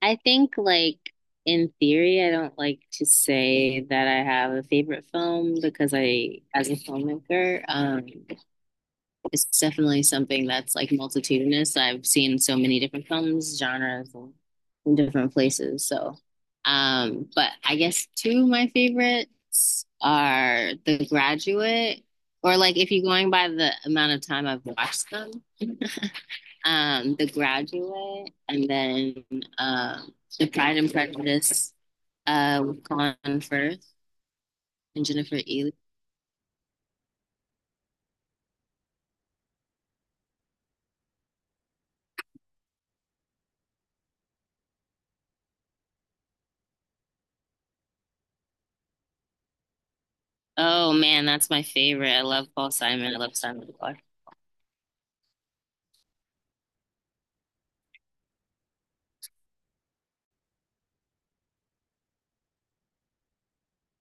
I think, like, in theory, I don't like to say that I have a favorite film because I, as a filmmaker, it's definitely something that's like multitudinous. I've seen so many different films, genres, and in different places. So, but I guess two of my favorites are The Graduate, or like if you're going by the amount of time I've watched them, The Graduate, and then um, The Pride and Prejudice with Colin Firth and Jennifer Ely. Oh man, that's my favorite. I love Paul Simon. I love Simon Clark.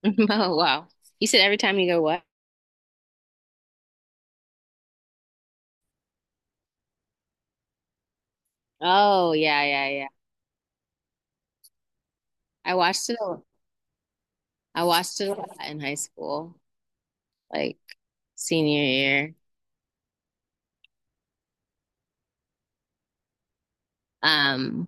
Oh wow. You said every time you go what? Oh yeah, yeah, yeah. I watched it a, I watched it a lot in high school, like senior year. Um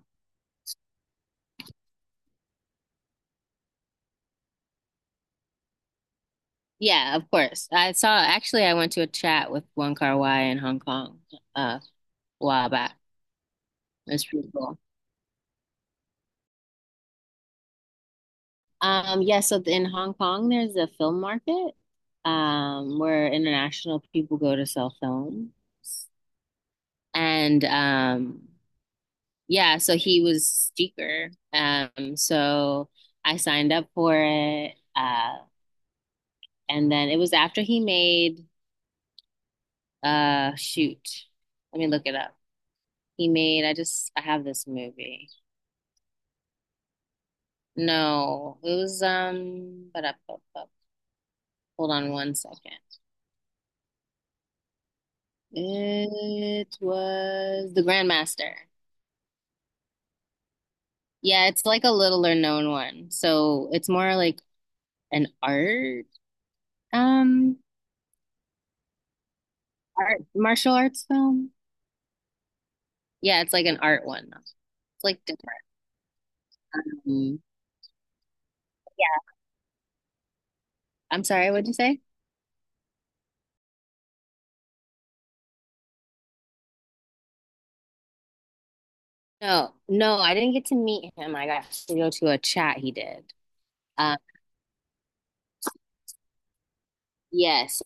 yeah, of course. I saw Actually I went to a chat with Wong Kar-wai in Hong Kong a while back. It's pretty cool. Yeah, so in Hong Kong there's a film market where international people go to sell films. And yeah, so he was speaker. So I signed up for it. And then it was after he made shoot. Let me look it up. He made I have this movie. No, it was but up. Hold on one second. It was The Grandmaster. Yeah, it's like a littler known one. So it's more like an um art martial arts film. Yeah, it's like an art one. It's like different. Um, yeah. I'm sorry, what'd you say? No, no, I didn't get to meet him. I got to go to a chat he did. Um, yes,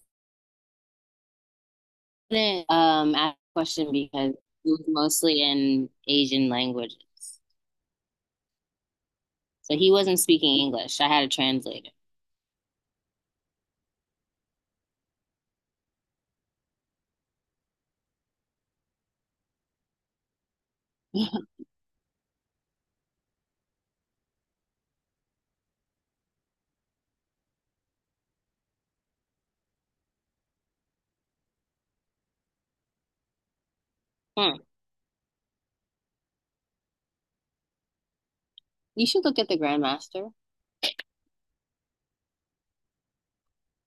I didn't ask a question because it was mostly in Asian languages, so he wasn't speaking English. I had a translator. Hmm. You should look at the Grandmaster.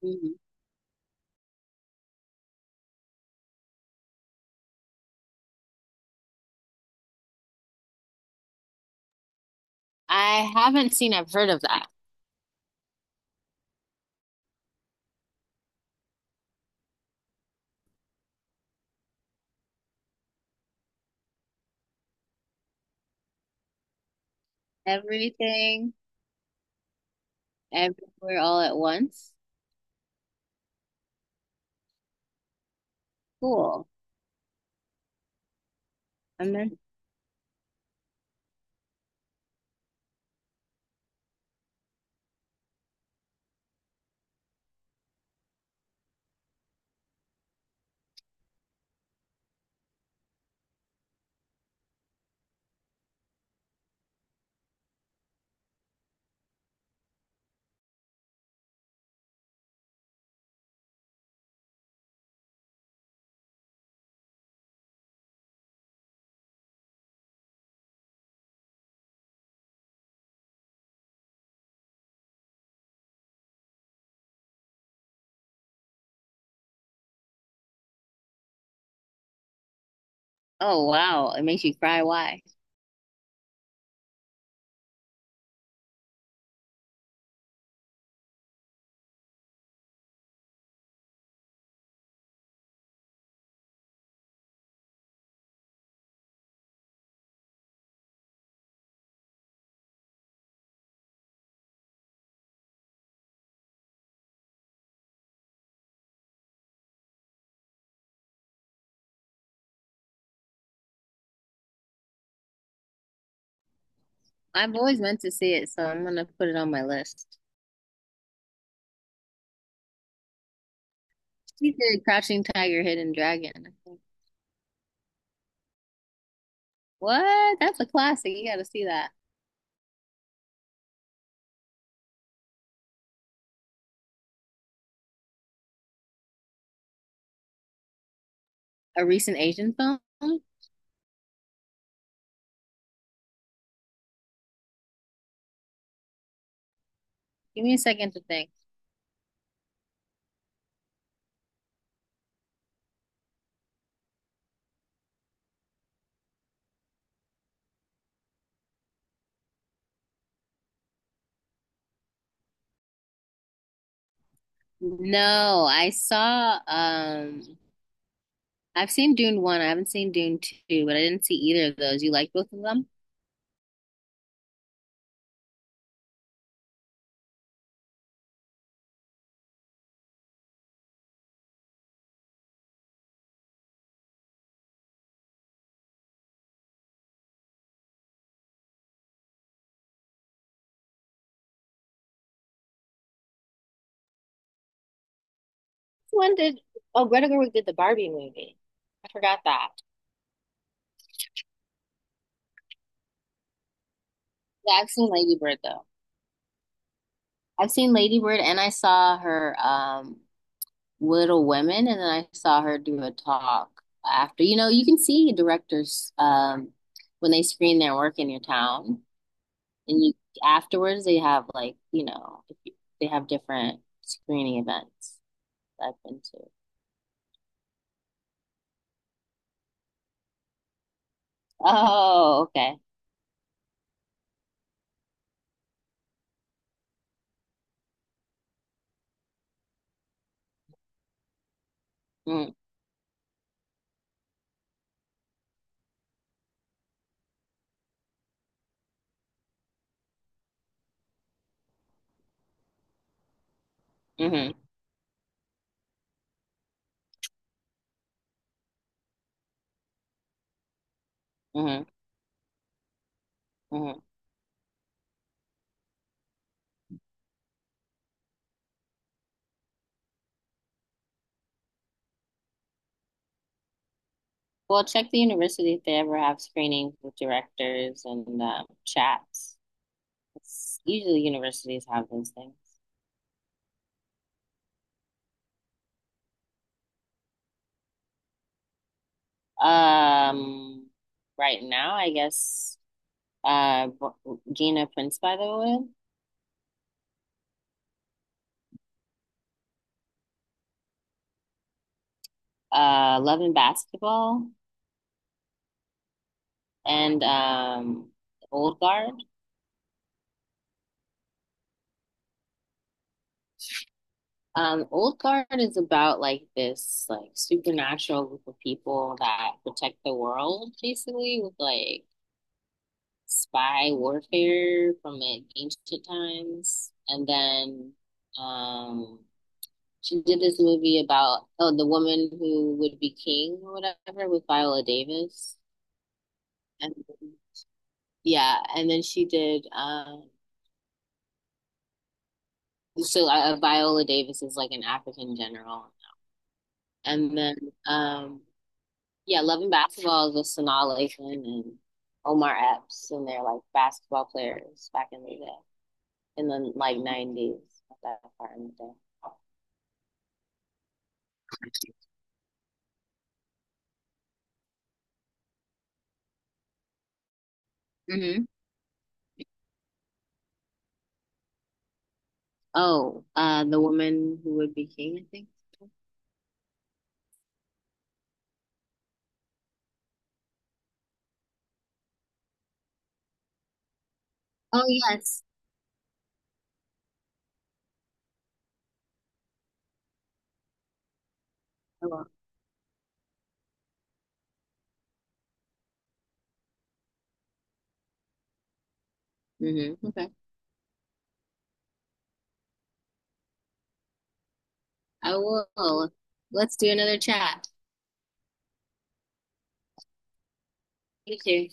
Hmm. I haven't seen. I've heard of that. Everything, everywhere, all at once. Cool. I'm meant Oh wow, it makes you cry. Why? I've always meant to see it, so I'm gonna put it on my list. He did Crouching Tiger, Hidden Dragon, I think. What? That's a classic. You gotta see that. A recent Asian film? Give me a second to think. No, I've seen Dune 1. I haven't seen Dune 2, but I didn't see either of those. You like both of them? When did Oh, Greta Gerwig did the Barbie movie? I forgot that. Yeah, I've seen Lady Bird though. I've seen Lady Bird and I saw her Little Women, and then I saw her do a talk after. You know, you can see directors when they screen their work in your town, and you afterwards they have like you know they have different screening events that I've been to. Oh, okay. Mm. Mm-hmm. Mm-hmm. Mm-hmm. Well, check the university if they ever have screenings with directors and chats. Usually universities have those things. Um, right now, I guess. uh, Gina Prince, by the way. Love and Basketball, and Old Guard. Old Guard is about like this like supernatural group of people that protect the world basically with like spy warfare from like ancient times. And then um, she did this movie about, oh, the woman who would be king or whatever with Viola Davis. And yeah, and then she did. So Viola Davis is like an African general, and then um, yeah, Love and Basketball is with Sanaa Lathan and Omar Epps, and they're like basketball players back in the day, in the like 90s, that part in the day. Mm-hmm. Oh, the woman who would be king, I think. Oh, yes. I will. Mm-hmm. Okay, I will. Let's do another chat. Thank you.